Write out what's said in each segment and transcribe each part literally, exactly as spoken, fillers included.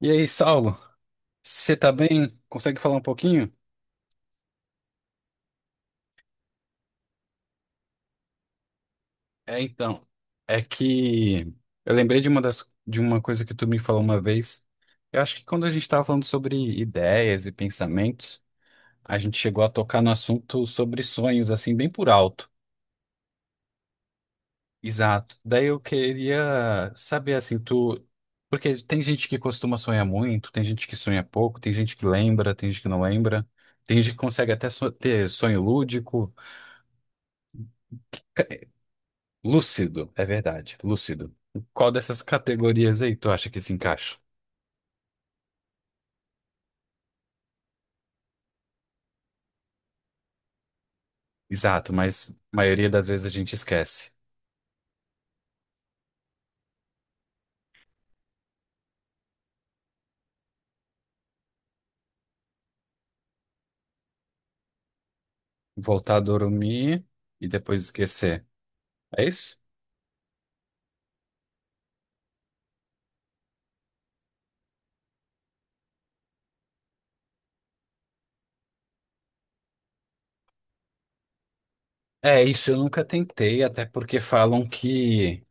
E aí, Saulo, você tá bem? Consegue falar um pouquinho? É, então, é que eu lembrei de uma das, de uma coisa que tu me falou uma vez. Eu acho que quando a gente estava falando sobre ideias e pensamentos, a gente chegou a tocar no assunto sobre sonhos, assim, bem por alto. Exato. Daí eu queria saber, assim, tu... Porque tem gente que costuma sonhar muito, tem gente que sonha pouco, tem gente que lembra, tem gente que não lembra, tem gente que consegue até so- ter sonho lúdico. Lúcido, é verdade, lúcido. Qual dessas categorias aí tu acha que se encaixa? Exato, mas a maioria das vezes a gente esquece. Voltar a dormir e depois esquecer. É isso? É, isso eu nunca tentei, até porque falam que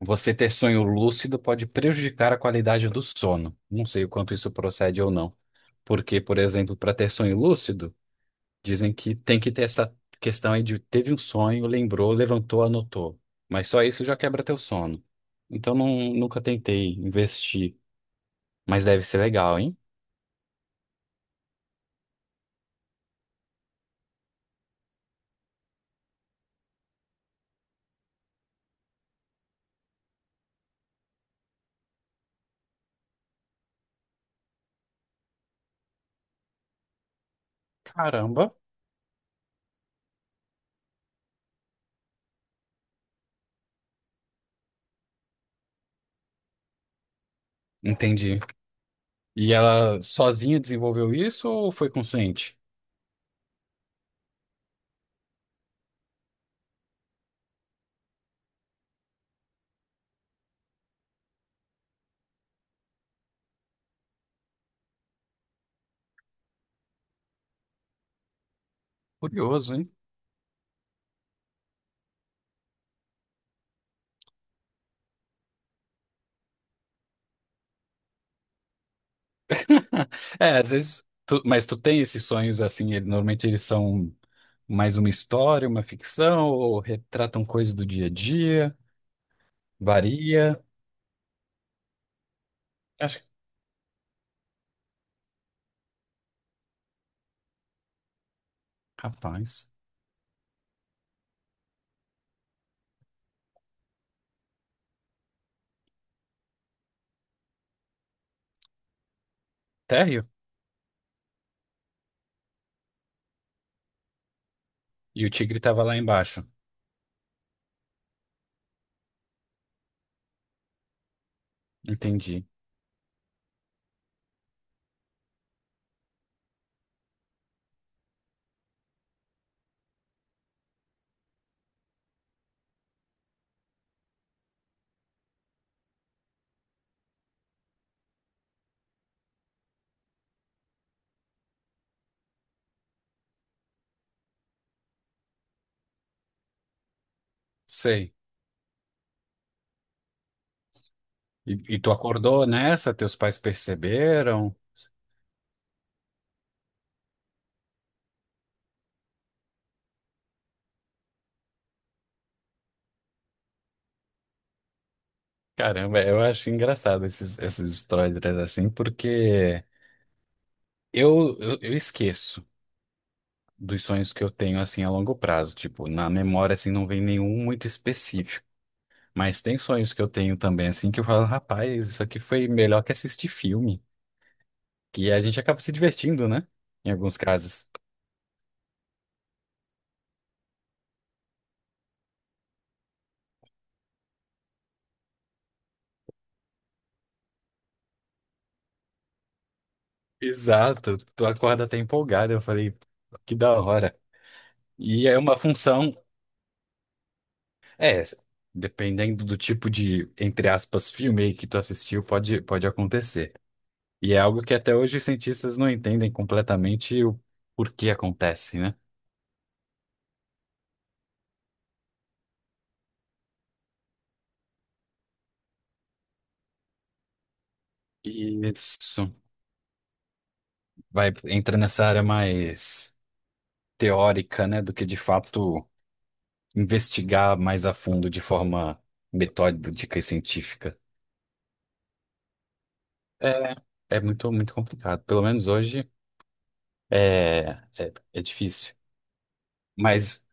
você ter sonho lúcido pode prejudicar a qualidade do sono. Não sei o quanto isso procede ou não. Porque, por exemplo, para ter sonho lúcido, dizem que tem que ter essa questão aí de teve um sonho, lembrou, levantou, anotou. Mas só isso já quebra teu sono. Então não, nunca tentei investir, mas deve ser legal, hein? Caramba, entendi. E ela sozinha desenvolveu isso ou foi consciente? Curioso, hein? É, às vezes, tu- mas tu tem esses sonhos assim, ele- normalmente eles são mais uma história, uma ficção, ou retratam coisas do dia a dia, varia. Acho que, rapaz, até e o tigre estava lá embaixo. Entendi. Sei. E, e tu acordou nessa? Teus pais perceberam? Caramba, eu acho engraçado esses, essas histórias assim, porque eu, eu, eu esqueço dos sonhos que eu tenho assim a longo prazo. Tipo, na memória assim não vem nenhum muito específico. Mas tem sonhos que eu tenho também assim que eu falo, rapaz, isso aqui foi melhor que assistir filme. Que a gente acaba se divertindo, né? Em alguns casos. Exato. Tu acorda até empolgado. Eu falei, que da hora. E é uma função, é, dependendo do tipo de, entre aspas, filme aí que tu assistiu, pode, pode acontecer. E é algo que até hoje os cientistas não entendem completamente o porquê acontece, né? Isso vai entra nessa área mais teórica, né, do que de fato investigar mais a fundo de forma metódica e científica. É, é muito, muito complicado. Pelo menos hoje é, é, é difícil. Mas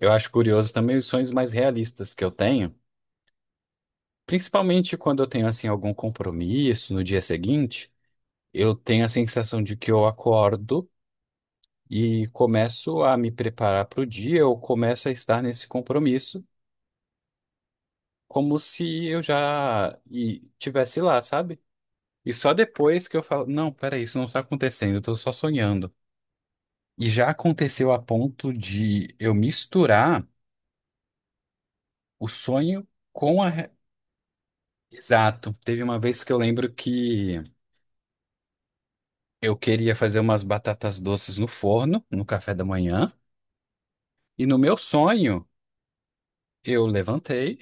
eu acho curioso também os sonhos mais realistas que eu tenho, principalmente quando eu tenho assim algum compromisso no dia seguinte, eu tenho a sensação de que eu acordo e começo a me preparar para o dia, eu começo a estar nesse compromisso como se eu já e- tivesse lá, sabe? E só depois que eu falo, não, peraí, isso não está acontecendo, eu estou só sonhando. E já aconteceu a ponto de eu misturar o sonho com a... re- Exato. Teve uma vez que eu lembro que eu queria fazer umas batatas doces no forno, no café da manhã. E no meu sonho, eu levantei,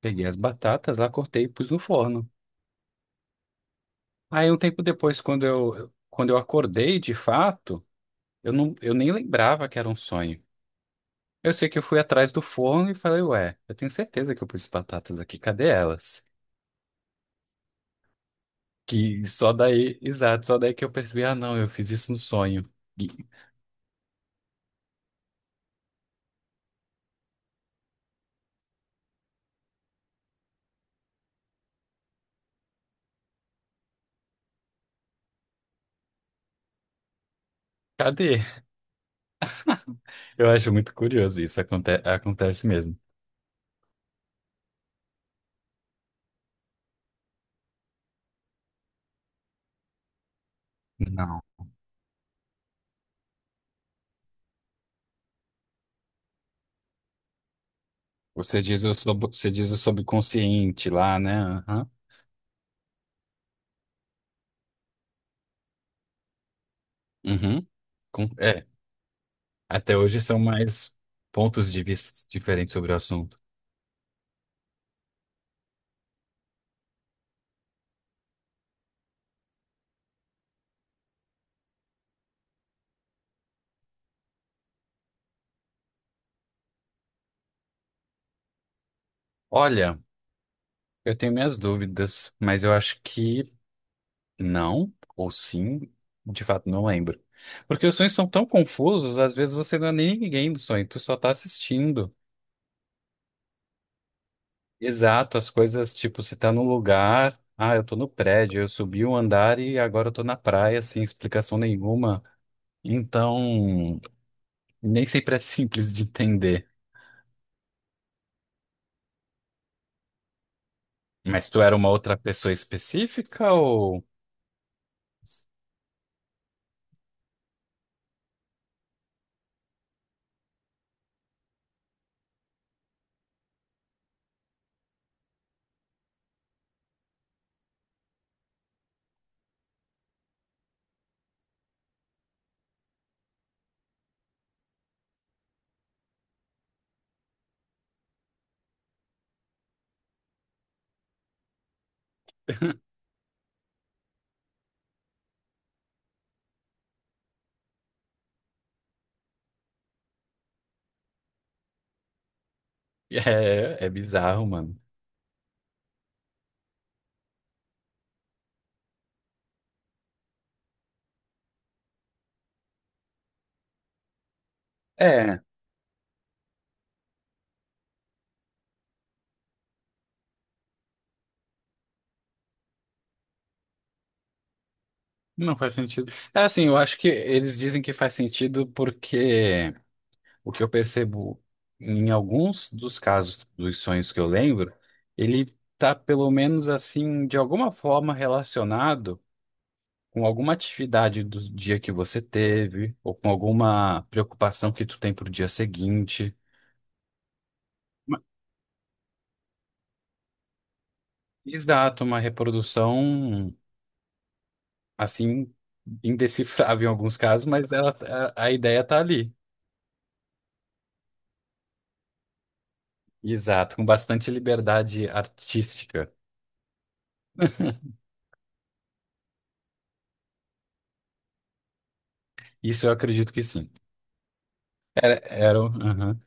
peguei as batatas lá, cortei e pus no forno. Aí um tempo depois, quando eu, quando eu acordei de fato, eu não, eu nem lembrava que era um sonho. Eu sei que eu fui atrás do forno e falei, ué, eu tenho certeza que eu pus batatas aqui, cadê elas? Que só daí, exato, só daí que eu percebi, ah, não, eu fiz isso no sonho. E- cadê? Eu acho muito curioso isso, aconte acontece mesmo. Não. Você diz o, sub você diz o subconsciente lá, né? Aham. Uhum. Com- É, até hoje são mais pontos de vista diferentes sobre o assunto. Olha, eu tenho minhas dúvidas, mas eu acho que não, ou sim, de fato não lembro. Porque os sonhos são tão confusos, às vezes você não é nem ninguém do sonho, tu só tá assistindo. Exato, as coisas, tipo, se tá no lugar, ah, eu tô no prédio, eu subi um andar e agora eu tô na praia, sem explicação nenhuma. Então, nem sempre é simples de entender. Mas tu era uma outra pessoa específica ou. É, é bizarro, mano. É, não faz sentido. É assim, eu acho que eles dizem que faz sentido porque. O que eu percebo em alguns dos casos dos sonhos que eu lembro, ele tá pelo menos assim, de alguma forma relacionado com alguma atividade do dia que você teve, ou com alguma preocupação que tu tem pro dia seguinte. Uma- Exato, uma reprodução assim, indecifrável em alguns casos, mas ela, a, a ideia tá ali. Exato, com bastante liberdade artística. Isso eu acredito que sim. Era, era, um- aham.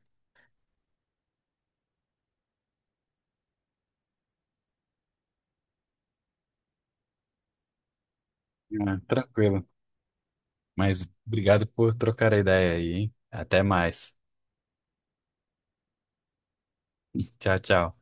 Ah, tranquilo. Mas obrigado por trocar a ideia aí, hein? Até mais. Tchau, tchau.